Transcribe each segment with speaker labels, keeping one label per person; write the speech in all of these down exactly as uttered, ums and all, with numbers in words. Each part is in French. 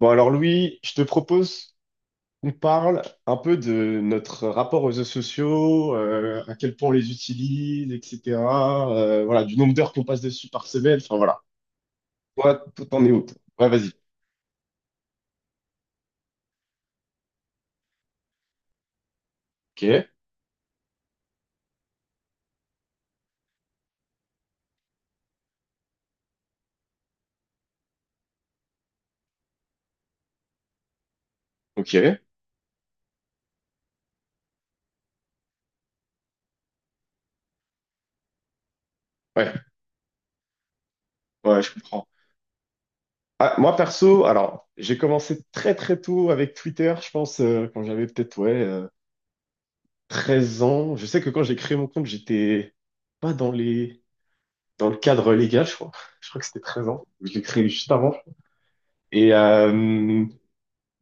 Speaker 1: Bon, alors Louis, je te propose qu'on parle un peu de notre rapport aux réseaux sociaux, euh, à quel point on les utilise, et cetera euh, Voilà, du nombre d'heures qu'on passe dessus par semaine. Enfin voilà. Toi, toi, t'en es où, toi? Ouais, vas-y. Ok, ok. Ouais, ouais, je comprends. Ah, moi perso, alors j'ai commencé très très tôt avec Twitter, je pense euh, quand j'avais peut-être ouais, euh, treize ans. Je sais que quand j'ai créé mon compte, j'étais pas dans les dans le cadre légal, je crois. Je crois que c'était treize ans. Je l'ai créé juste avant. Et euh,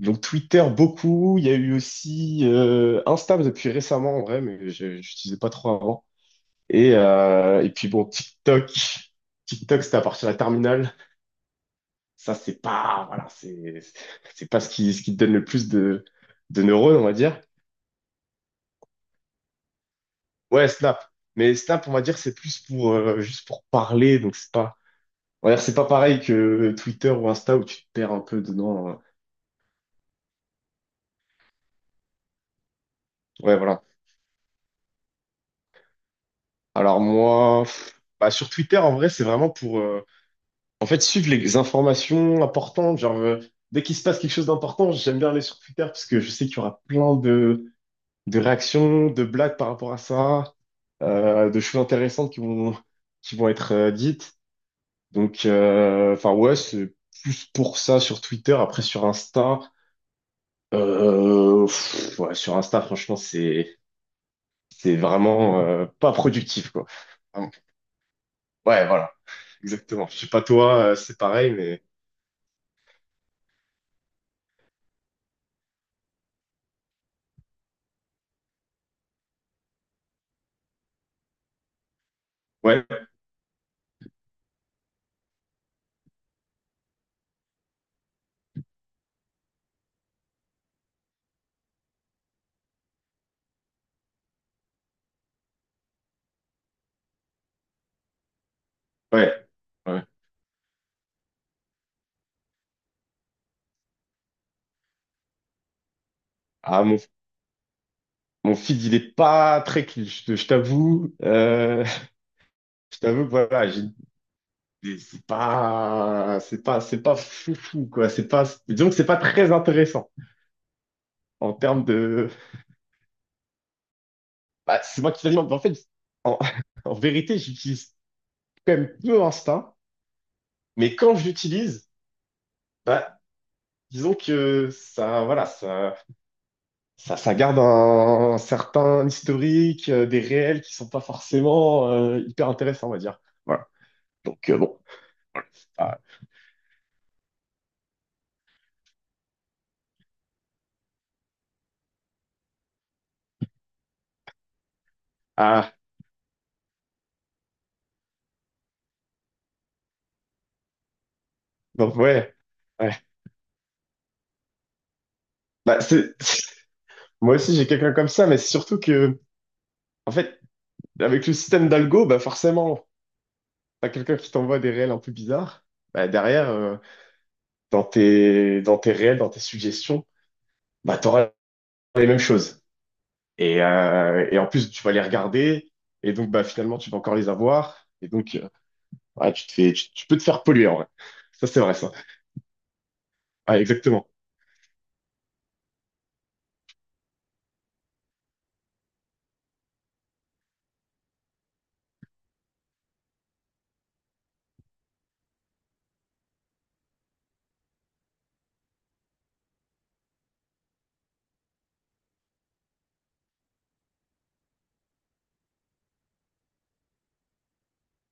Speaker 1: donc Twitter beaucoup, il y a eu aussi euh, Insta depuis récemment en vrai, mais je n'utilisais pas trop avant. Et, euh, et puis bon, TikTok, TikTok c'était à partir de la terminale. Ça, c'est pas, voilà, c'est c'est pas ce qui ce qui te donne le plus de de neurones, on va dire. Ouais Snap, mais Snap on va dire c'est plus pour euh, juste pour parler donc c'est pas on va dire c'est pas pareil que Twitter ou Insta où tu te perds un peu dedans. euh. Ouais voilà. Alors moi. Pff, bah, sur Twitter, en vrai, c'est vraiment pour, euh, en fait, suivre les informations importantes, genre, euh, dès qu'il se passe quelque chose d'important, j'aime bien aller sur Twitter parce que je sais qu'il y aura plein de, de réactions, de blagues par rapport à ça, euh, de choses intéressantes qui vont, qui vont être euh, dites. Donc, euh, enfin, ouais, c'est plus pour ça sur Twitter. Après, sur Insta, euh, pff, ouais, sur Insta, franchement, c'est, c'est vraiment euh, pas productif, quoi. Vraiment. Ouais, voilà, exactement. Je sais pas toi, euh, c'est pareil, mais ouais, ouais. Ouais. Ah, Mon feed, il est pas très clean, je, te- je t'avoue. Euh, je t'avoue que voilà, j'ai des- c'est pas, c'est pas, c'est pas fou, fou quoi. C'est pas, disons que c'est pas très intéressant en termes de. Bah, c'est moi qui l'alimente. En fait, en, en vérité, j'utilise quand même peu Insta, mais quand je l'utilise, bah, disons que ça, voilà, ça, ça, ça garde un, un certain historique, euh, des réels qui sont pas forcément euh, hyper intéressants, on va dire. Voilà. Donc euh, bon. Ah, Donc, ouais, ouais. Bah, c'est... Moi aussi, j'ai quelqu'un comme ça, mais c'est surtout que, en fait, avec le système d'algo, bah, forcément, t'as quelqu'un qui t'envoie des réels un peu bizarres. Bah, derrière, euh, dans tes... dans tes réels, dans tes suggestions, bah, t'auras les mêmes choses. Et, euh, et en plus, tu vas les regarder, et donc, bah, finalement, tu vas encore les avoir. Et donc, euh, ouais, tu te fais... tu... tu peux te faire polluer, en vrai. Ça, c'est vrai, ça. Ouais, exactement.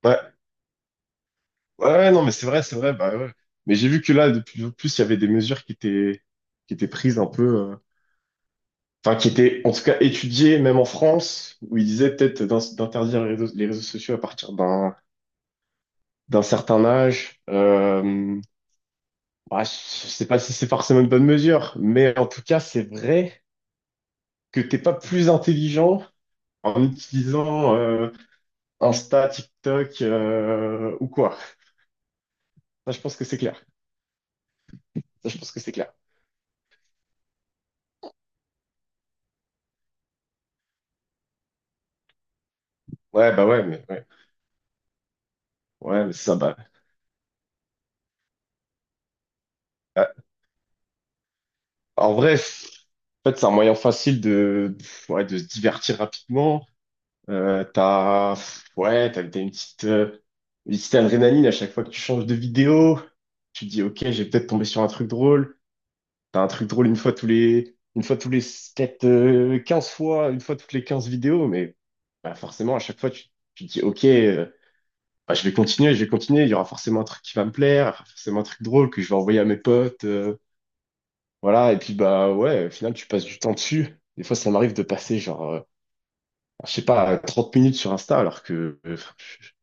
Speaker 1: Ouais. Ouais, ouais, non, mais c'est vrai, c'est vrai, bah ouais. Mais j'ai vu que là, de plus en plus, il y avait des mesures qui étaient, qui étaient prises un peu, euh, enfin, qui étaient en tout cas étudiées, même en France, où ils disaient peut-être d'in- d'interdire les réseaux, les réseaux sociaux à partir d'un, d'un certain âge. Euh, bah, je sais pas si c'est forcément une bonne mesure, mais en tout cas, c'est vrai que t'es pas plus intelligent en utilisant euh, Insta, TikTok euh, ou quoi. Ça, je pense que c'est clair. Ça, je pense que c'est clair. Ouais, bah ouais, mais ouais, ouais, mais ça, bah. En vrai, f- en fait, c'est un moyen facile de, ouais, de se divertir rapidement. Euh, t'as, ouais, t'as, t'as une petite, euh, une petite adrénaline à chaque fois que tu changes de vidéo. Tu te dis, OK, j'ai peut-être tombé sur un truc drôle. T'as un truc drôle une fois tous les, une fois tous les, peut-être, euh, quinze fois, une fois toutes les quinze vidéos. Mais bah, forcément, à chaque fois, tu, tu te dis, OK, euh, bah, je vais continuer, je vais continuer. Il y aura forcément un truc qui va me plaire, forcément un truc drôle que je vais envoyer à mes potes. Euh, voilà, et puis bah ouais, au final, tu passes du temps dessus. Des fois, ça m'arrive de passer genre, euh, je sais pas, trente minutes sur Insta alors que euh,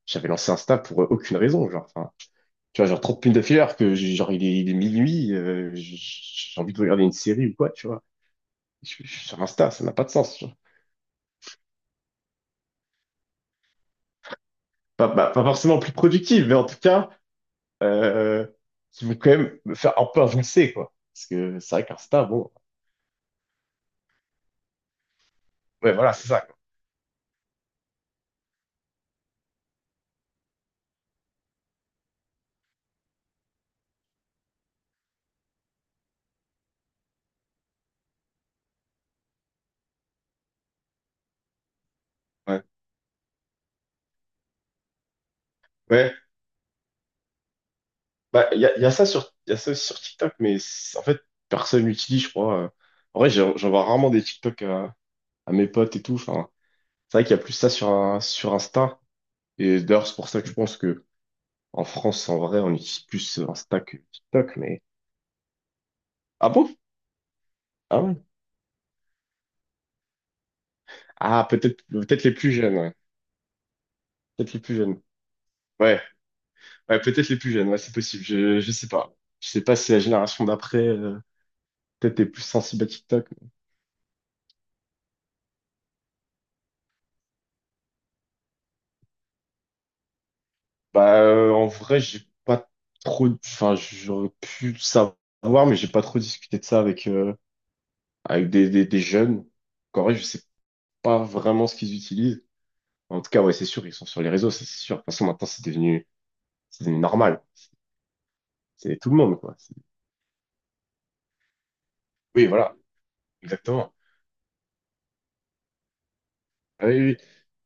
Speaker 1: j'avais lancé Insta pour euh, aucune raison. Genre, enfin, tu vois, genre trente minutes d'affilée alors que j'ai- genre il est, il est minuit, euh, j'ai j'ai envie de regarder une série ou quoi, tu vois. Je, je suis sur Insta, ça n'a pas de sens. tu vois. Pas, pas- pas forcément plus productive, mais en tout cas, euh, qui vont quand même me faire un peu avancer, quoi. Parce que c'est vrai qu'Insta, bon, ouais, voilà, c'est ça, quoi. Ouais, ouais. Bah, il y a, y a ça sur, y a ça aussi sur TikTok, mais c'est- en fait, personne l'utilise je crois. euh. En vrai, j'en j'en vois rarement des TikTok à, à mes potes et tout. Enfin, c'est vrai qu'il y a plus ça sur, un- sur Insta. Et d'ailleurs, c'est pour ça que je pense que en France, en vrai, on utilise plus Insta que TikTok, mais... Ah bon? Ah ouais. Ah, peut-être peut-être les plus jeunes, ouais. Peut-être les plus jeunes. Ouais, ouais, peut-être les plus jeunes, ouais, c'est possible. Je, je sais pas. Je sais pas si la génération d'après, euh, peut-être est plus sensible à TikTok. Bah, euh, en vrai, j'ai pas trop, enfin, j'aurais pu savoir, mais j'ai pas trop discuté de ça avec, euh, avec des, des, des jeunes. En vrai, je sais pas vraiment ce qu'ils utilisent. En tout cas, ouais, c'est sûr, ils sont sur les réseaux, ça, c'est sûr. De toute façon, maintenant, c'est devenu, c'est devenu normal. C'est tout le monde, quoi. C'est- Oui, voilà, exactement. Ah oui, oui.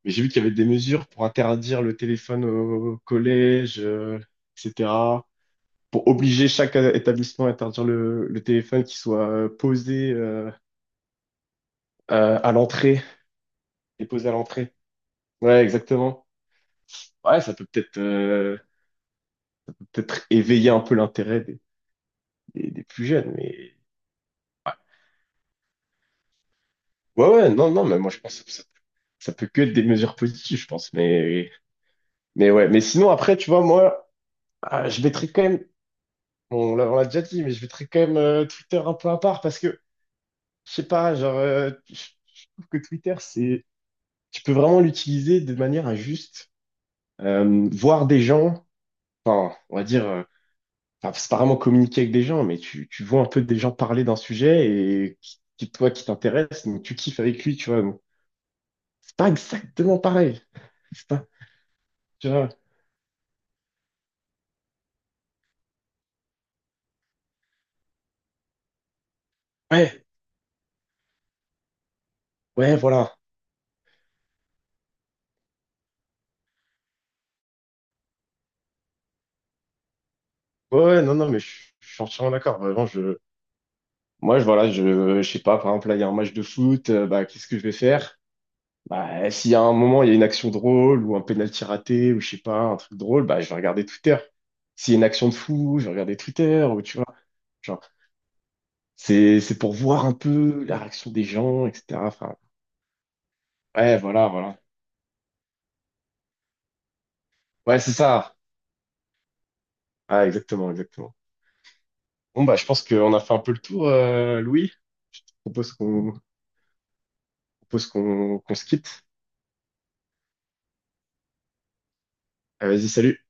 Speaker 1: Mais j'ai vu qu'il y avait des mesures pour interdire le téléphone au collège, euh, et cetera. Pour obliger chaque euh, établissement à interdire le, le téléphone qui soit euh, posé, euh, euh, à l'entrée déposé à l'entrée. Ouais, exactement. Ouais, ça peut peut-être euh, peut-être éveiller un peu l'intérêt des, des, des plus jeunes, mais ouais, ouais, non, non, mais moi je pense que ça, ça peut que être des mesures positives, je pense, mais mais ouais, mais sinon après, tu vois, moi, ah, je mettrais quand même, bon, on l'a on l'a déjà dit, mais je mettrais quand même euh, Twitter un peu à part parce que je sais pas, genre, euh, je je trouve que Twitter, c'est, tu peux vraiment l'utiliser de manière injuste euh, voir des gens, enfin, on va dire. Euh, enfin, c'est pas vraiment communiquer avec des gens, mais tu, tu vois un peu des gens parler d'un sujet et qui, qui- toi qui t'intéresse, donc tu kiffes avec lui, tu vois. Donc, c'est pas exactement pareil. C'est pas, tu vois. Ouais, ouais, voilà. Ouais, ouais, non, non, mais je, je suis entièrement d'accord. Vraiment, je, moi, je, voilà, je, je sais pas, par exemple, là, il y a un match de foot, euh, bah, qu'est-ce que je vais faire? Bah, s'il y a un moment, il y a une action drôle ou un penalty raté ou je sais pas, un truc drôle, bah, je vais regarder Twitter. S'il y a une action de fou, je vais regarder Twitter ou tu vois. C'est, c'est pour voir un peu la réaction des gens, et cetera. Enfin, ouais, voilà, voilà. Ouais, c'est ça. Ah, exactement, exactement. Bon, bah, je pense qu'on a fait un peu le tour, euh, Louis. Je propose qu'on, je propose qu'on qu'on se quitte. Ah, vas-y, salut.